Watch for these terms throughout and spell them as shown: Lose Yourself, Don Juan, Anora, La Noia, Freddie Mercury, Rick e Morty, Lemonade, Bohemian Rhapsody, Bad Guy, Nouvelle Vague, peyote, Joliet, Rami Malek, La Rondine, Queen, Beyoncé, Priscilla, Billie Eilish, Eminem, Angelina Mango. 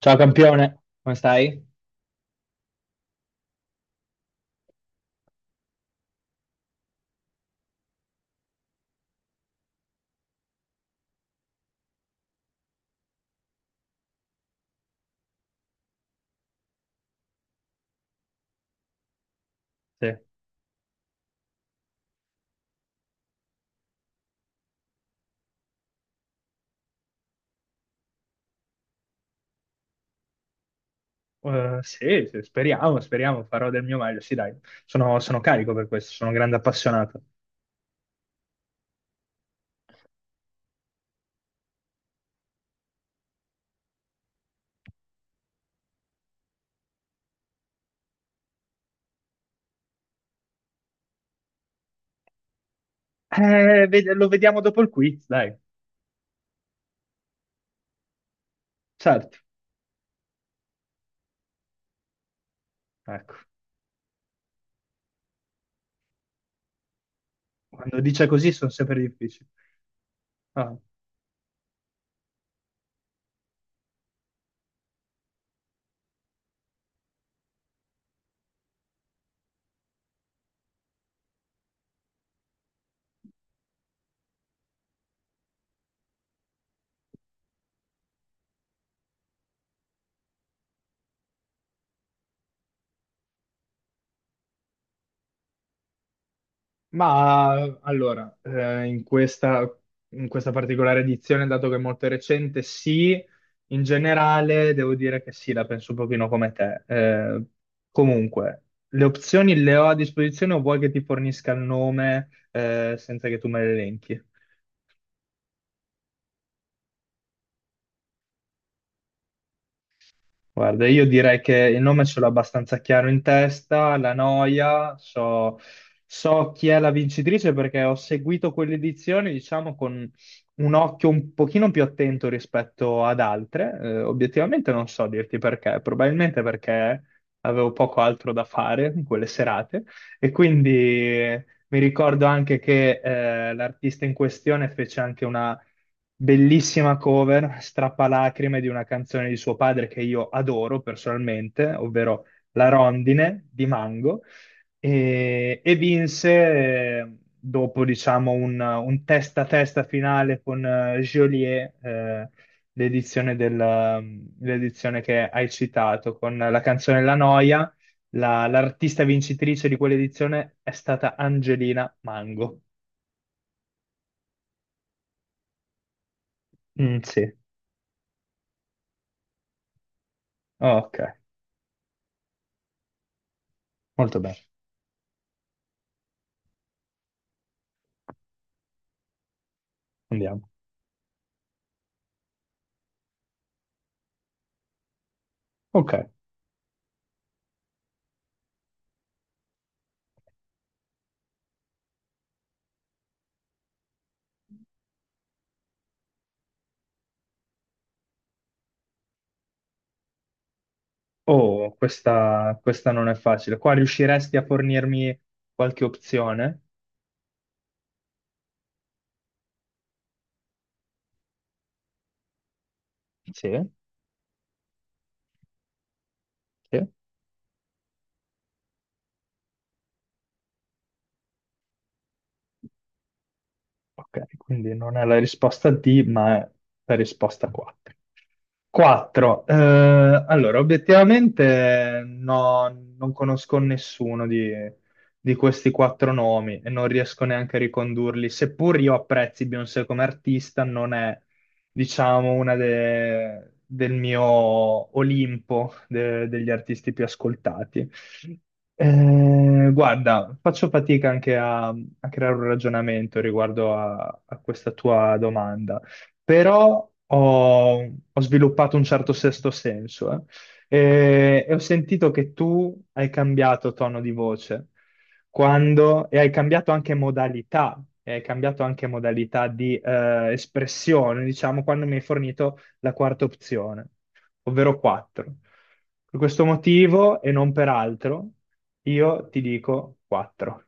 Ciao campione, come stai? Sì. Sì, speriamo, speriamo, farò del mio meglio. Sì, dai, sono carico per questo, sono un grande appassionato. Lo vediamo dopo il quiz, dai, certo. Ecco, quando dice così sono sempre difficili. Ah. Ma allora, in questa particolare edizione, dato che è molto recente, sì, in generale devo dire che sì, la penso un pochino come te. Comunque, le opzioni le ho a disposizione o vuoi che ti fornisca il nome, senza che tu me le elenchi? Guarda, io direi che il nome ce l'ho abbastanza chiaro in testa, la noia, so chi è la vincitrice perché ho seguito quell'edizione, diciamo, con un occhio un pochino più attento rispetto ad altre. Obiettivamente non so dirti perché, probabilmente perché avevo poco altro da fare in quelle serate e quindi mi ricordo anche che l'artista in questione fece anche bellissima cover, strappalacrime di una canzone di suo padre che io adoro personalmente, ovvero La Rondine di Mango, e vinse dopo, diciamo, un testa a testa finale con Joliet, l'edizione del- l'edizione che hai citato, con la canzone La Noia. L'artista vincitrice di quell'edizione è stata Angelina Mango. Mm, sì, ok, molto bene, andiamo. Ok, oh, questa non è facile. Qua riusciresti a fornirmi qualche opzione? Sì, sì. Ok, quindi non è la risposta D, ma è la risposta 4. 4. Allora, obiettivamente no, non conosco nessuno di questi quattro nomi e non riesco neanche a ricondurli. Seppur io apprezzi Beyoncé come artista, non è, diciamo, del mio degli artisti più ascoltati. Guarda, faccio fatica anche a creare un ragionamento riguardo a questa tua domanda, però ho sviluppato un certo sesto senso, eh. E ho sentito che tu hai cambiato tono di voce e hai cambiato anche modalità, e hai cambiato anche modalità di espressione, diciamo, quando mi hai fornito la quarta opzione, ovvero 4. Per questo motivo e non per altro, io ti dico 4.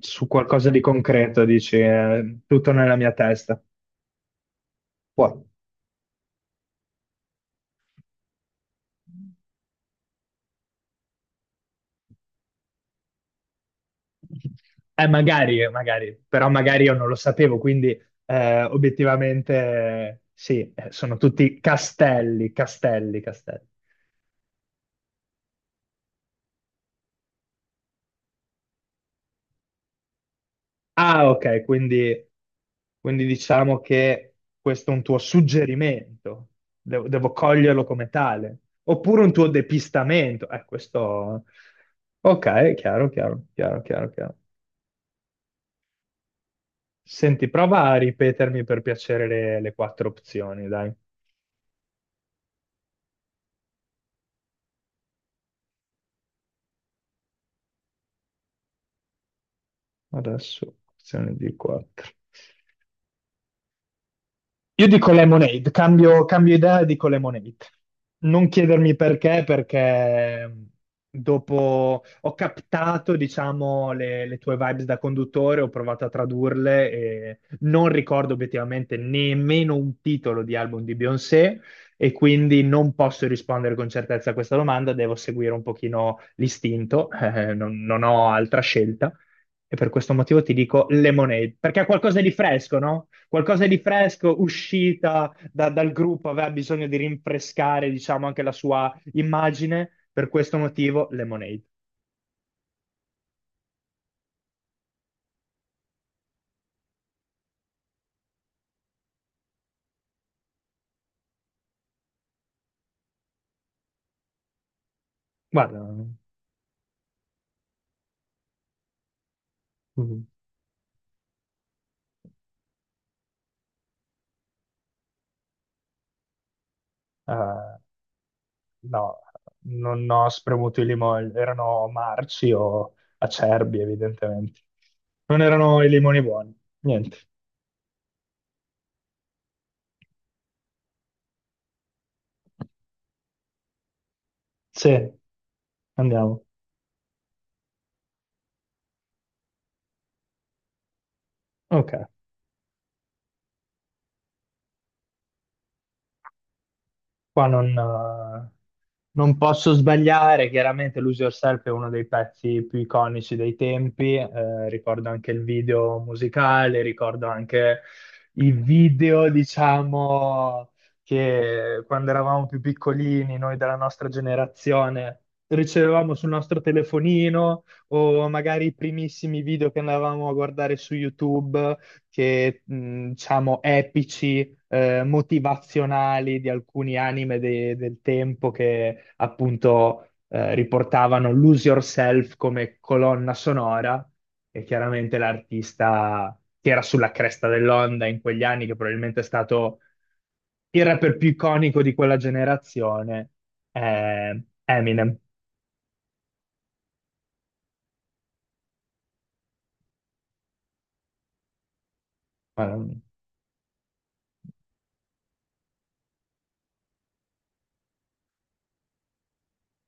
Su qualcosa di concreto, dici, tutto nella mia testa. Puoi. Magari, magari, però magari io non lo sapevo, quindi obiettivamente sì, sono tutti castelli, castelli, castelli. Ah, ok, quindi, quindi diciamo che questo è un tuo suggerimento, devo coglierlo come tale, oppure un tuo depistamento. Questo... Ok, chiaro, chiaro, chiaro, chiaro, chiaro. Senti, prova a ripetermi per piacere le quattro opzioni, dai. Adesso, opzione di quattro. Io dico Lemonade, cambio idea e dico Lemonade. Non chiedermi perché, perché dopo ho captato, diciamo, le tue vibes da conduttore, ho provato a tradurle e non ricordo obiettivamente nemmeno un titolo di album di Beyoncé e quindi non posso rispondere con certezza a questa domanda, devo seguire un pochino l'istinto, non ho altra scelta e per questo motivo ti dico Lemonade, perché è qualcosa di fresco, no? Qualcosa di fresco, dal gruppo, aveva bisogno di rinfrescare, diciamo, anche la sua immagine. Per questo motivo, Lemonade. Guarda, mm, eh, no, non ho spremuto i limoni, erano marci o acerbi, evidentemente. Non erano i limoni buoni. Niente. Sì, andiamo. Ok. Qua non posso sbagliare, chiaramente Lose Yourself è uno dei pezzi più iconici dei tempi, ricordo anche il video musicale, ricordo anche i video, diciamo, che quando eravamo più piccolini, noi della nostra generazione, ricevevamo sul nostro telefonino o magari i primissimi video che andavamo a guardare su YouTube, che, diciamo, epici motivazionali di alcuni anime del tempo che appunto riportavano Lose Yourself come colonna sonora e chiaramente l'artista che era sulla cresta dell'onda in quegli anni, che probabilmente è stato il rapper più iconico di quella generazione, è Eminem. Ehm,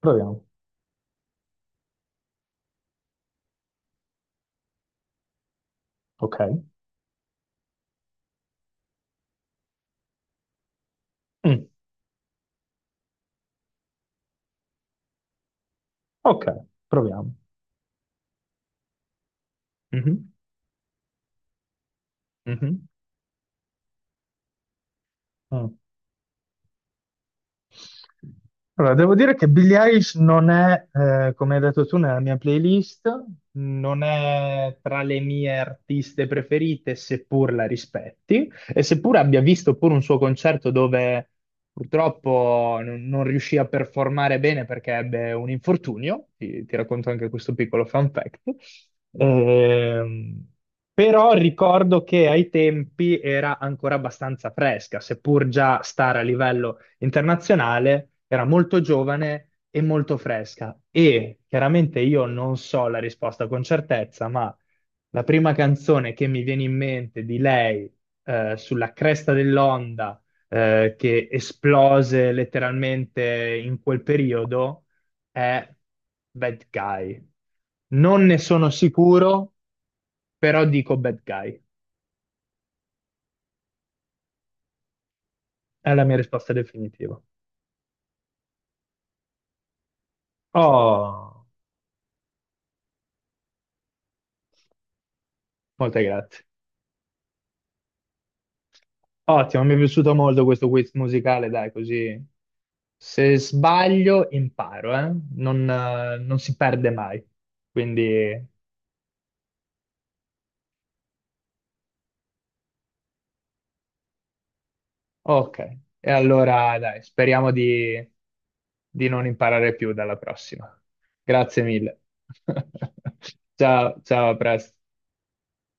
Proviamo. Ok. Mm. Ok, proviamo. Mhm. Mhm. Mm. Allora, devo dire che Billie Eilish non è, come hai detto tu, nella mia playlist, non è tra le mie artiste preferite, seppur la rispetti, e seppur abbia visto pure un suo concerto dove purtroppo non riuscì a performare bene perché ebbe un infortunio, ti racconto anche questo piccolo fun fact. Ehm, però ricordo che ai tempi era ancora abbastanza fresca, seppur già stare a livello internazionale, era molto giovane e molto fresca. E chiaramente io non so la risposta con certezza, ma la prima canzone che mi viene in mente di lei, sulla cresta dell'onda, che esplose letteralmente in quel periodo, è Bad Guy. Non ne sono sicuro, però dico Bad Guy. È la mia risposta definitiva. Oh, molte grazie. Ottimo, mi è piaciuto molto questo quiz musicale, dai, così se sbaglio imparo, eh? Non si perde mai. Quindi, ok. E allora, dai, speriamo di non imparare più dalla prossima. Grazie mille. Ciao, ciao, a presto.